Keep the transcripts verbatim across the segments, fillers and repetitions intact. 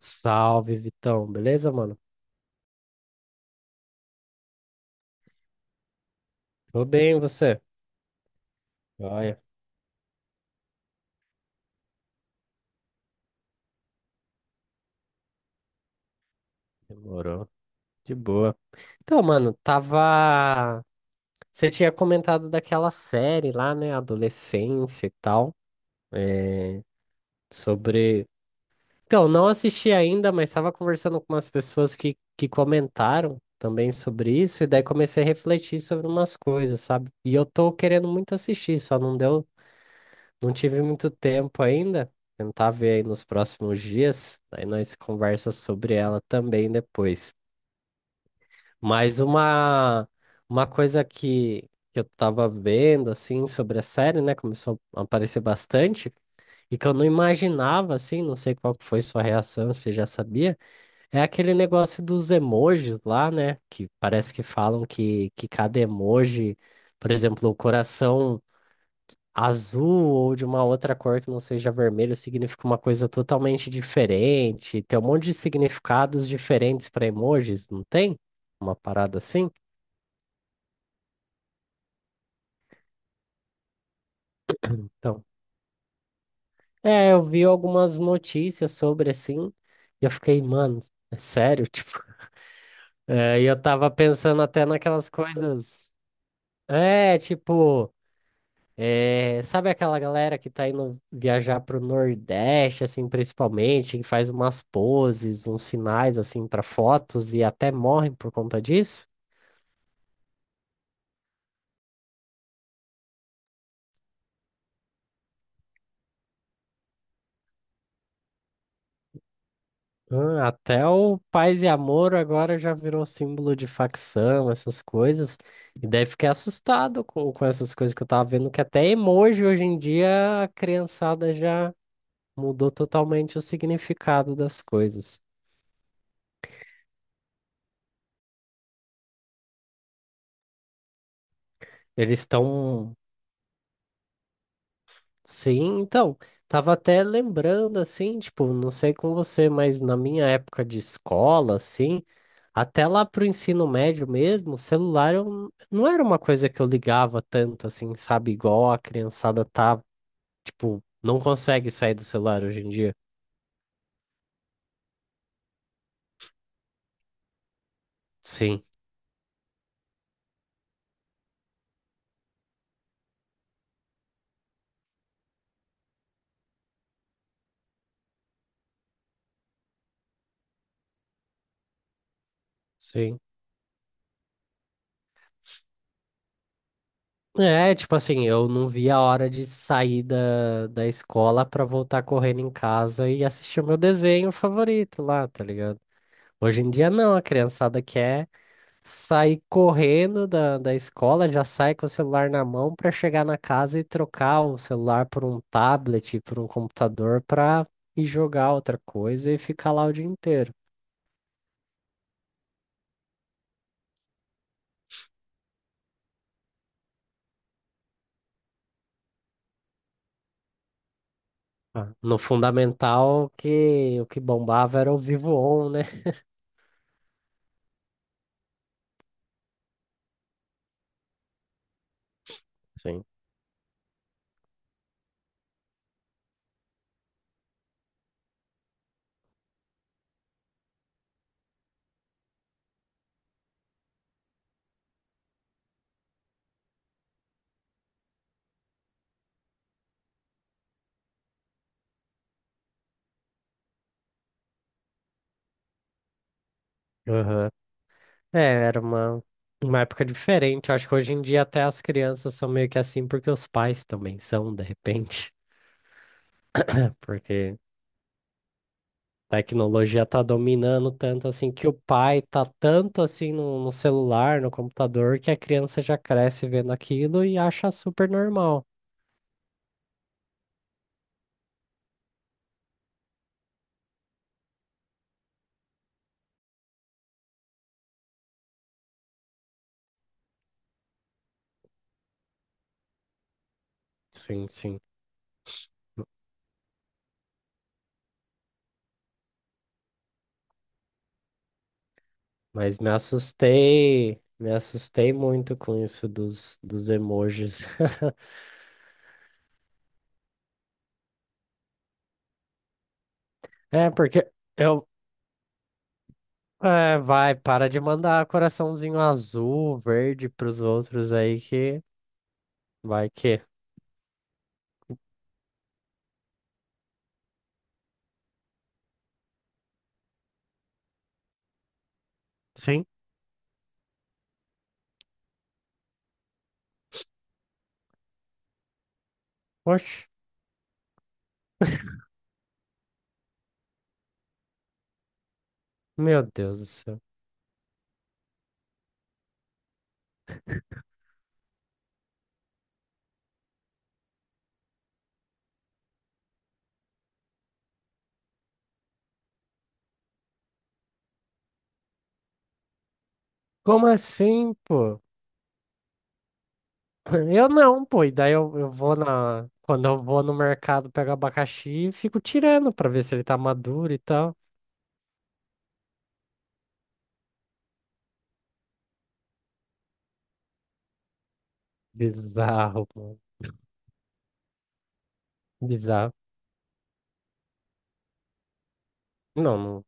Salve, Vitão. Beleza, mano? Tô bem, e você? Olha, demorou. De boa. Então, mano, tava. Você tinha comentado daquela série lá, né? Adolescência e tal. É, sobre. Então, não assisti ainda, mas estava conversando com umas pessoas que, que comentaram também sobre isso. E daí comecei a refletir sobre umas coisas, sabe? E eu tô querendo muito assistir, só não deu. Não tive muito tempo ainda. Tentar ver aí nos próximos dias. Aí nós conversa sobre ela também depois. Mas uma, uma coisa que, que eu tava vendo, assim, sobre a série, né? Começou a aparecer bastante. E que eu não imaginava, assim, não sei qual que foi sua reação, se já sabia. É aquele negócio dos emojis lá, né? Que parece que falam que, que cada emoji, por exemplo, o coração azul ou de uma outra cor que não seja vermelho significa uma coisa totalmente diferente. Tem um monte de significados diferentes para emojis, não tem? Uma parada assim? Então, é, eu vi algumas notícias sobre assim, e eu fiquei, mano, é sério? Tipo, é, e eu tava pensando até naquelas coisas. É, tipo. É, sabe aquela galera que tá indo viajar pro Nordeste, assim, principalmente, que faz umas poses, uns sinais, assim, para fotos e até morrem por conta disso? Hum, até o Paz e Amor agora já virou símbolo de facção, essas coisas. E daí fiquei assustado com, com essas coisas que eu tava vendo, que até emoji hoje em dia a criançada já mudou totalmente o significado das coisas. Eles estão. Sim, então, tava até lembrando assim, tipo, não sei com você, mas na minha época de escola, assim, até lá pro ensino médio mesmo, o celular eu, n- não era uma coisa que eu ligava tanto, assim, sabe, igual a criançada tá, tipo, não consegue sair do celular hoje em dia. Sim, sim. É, tipo assim, eu não via a hora de sair da, da escola pra voltar correndo em casa e assistir o meu desenho favorito lá, tá ligado? Hoje em dia não, a criançada quer. Sair correndo da, da escola, já sai com o celular na mão para chegar na casa e trocar o celular por um tablet, por um computador para ir jogar outra coisa e ficar lá o dia inteiro. Ah, no fundamental, o que, o que bombava era o Vivo On, né? Sim. Aham. É, era uma, uma época diferente. Eu acho que hoje em dia até as crianças são meio que assim, porque os pais também são, de repente. Porque tecnologia tá dominando tanto assim que o pai tá tanto assim no, no celular, no computador, que a criança já cresce vendo aquilo e acha super normal. Sim, sim. Mas me assustei, me assustei muito com isso dos, dos emojis. É, porque eu. É, vai, para de mandar coraçãozinho azul, verde pros outros aí que. Vai que. Sim. Oxe, meu Deus do céu. Como assim, pô? Eu não, pô. E daí eu, eu vou na. Quando eu vou no mercado, pego abacaxi e fico tirando pra ver se ele tá maduro e tal. Bizarro, mano. Bizarro. Não, não.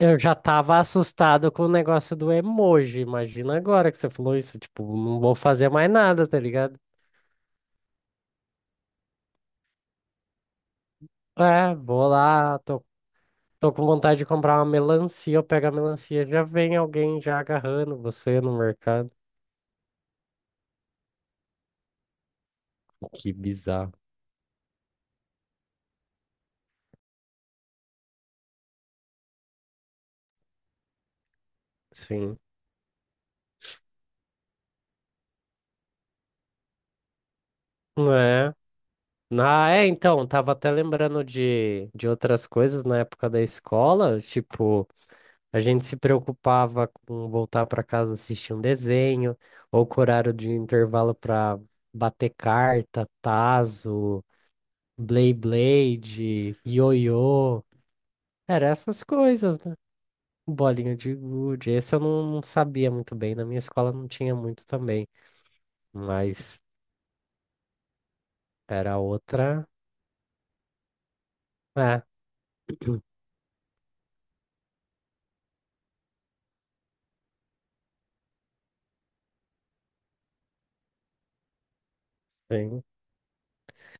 Eu já tava assustado com o negócio do emoji. Imagina agora que você falou isso. Tipo, não vou fazer mais nada, tá ligado? É, vou lá, tô, tô com vontade de comprar uma melancia. Eu pego a melancia, já vem alguém já agarrando você no mercado. Que bizarro. Sim. É? Ah, é, então, tava até lembrando de, de outras coisas na época da escola, tipo, a gente se preocupava com voltar para casa assistir um desenho, ou com horário de intervalo para bater carta, tazo, blade ioiô, era essas coisas, né? Bolinha de gude, esse eu não, não sabia muito bem, na minha escola não tinha muito também, mas era outra, é,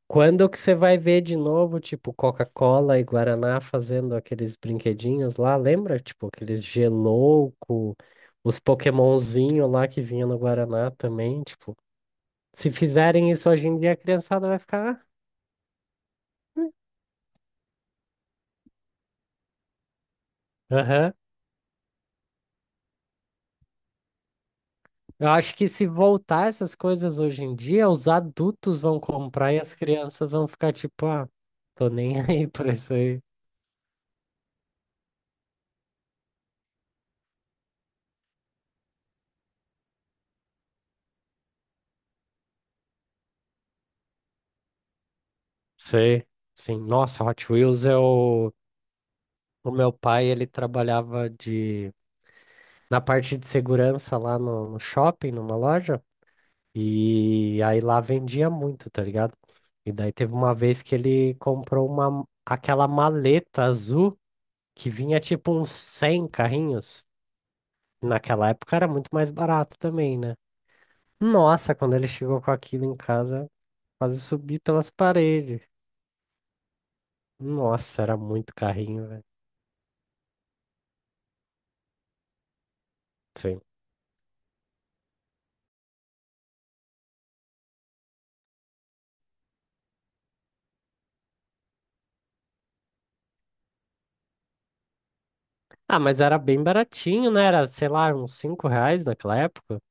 quando que você vai ver de novo, tipo, Coca-Cola e Guaraná fazendo aqueles brinquedinhos lá, lembra? Tipo, aqueles gelouco, os Pokémonzinho lá que vinha no Guaraná também, tipo. Se fizerem isso hoje em dia, a criançada vai ficar. Ah, aham. Eu acho que se voltar essas coisas hoje em dia, os adultos vão comprar e as crianças vão ficar tipo, ah, tô nem aí pra isso aí. Sei. Sim. Nossa, Hot Wheels é o. O meu pai, ele trabalhava de na parte de segurança lá no, no shopping, numa loja, e aí lá vendia muito, tá ligado? E daí teve uma vez que ele comprou uma, aquela maleta azul que vinha tipo uns cem carrinhos. Naquela época era muito mais barato também, né? Nossa, quando ele chegou com aquilo em casa, quase subi pelas paredes. Nossa, era muito carrinho, velho. Sim. Ah, mas era bem baratinho, né? Era, sei lá, uns cinco reais naquela época.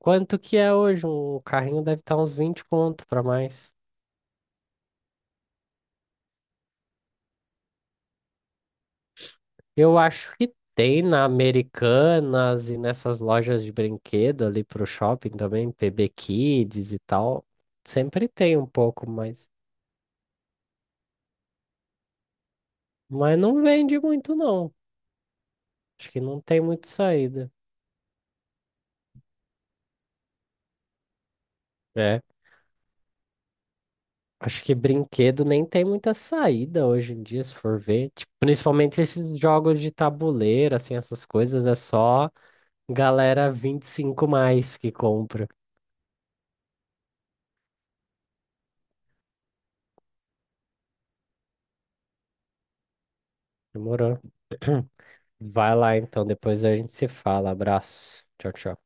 Quanto que é hoje? Um carrinho deve estar uns vinte conto para mais. Eu acho que tem na Americanas e nessas lojas de brinquedo ali pro shopping também, P B Kids e tal. Sempre tem um pouco, mas, mas não vende muito não. Acho que não tem muita saída. É. Acho que brinquedo nem tem muita saída hoje em dia, se for ver. Tipo, principalmente esses jogos de tabuleiro, assim, essas coisas, é só galera vinte e cinco mais que compra. Demorou. Vai lá então, depois a gente se fala. Abraço. Tchau, tchau.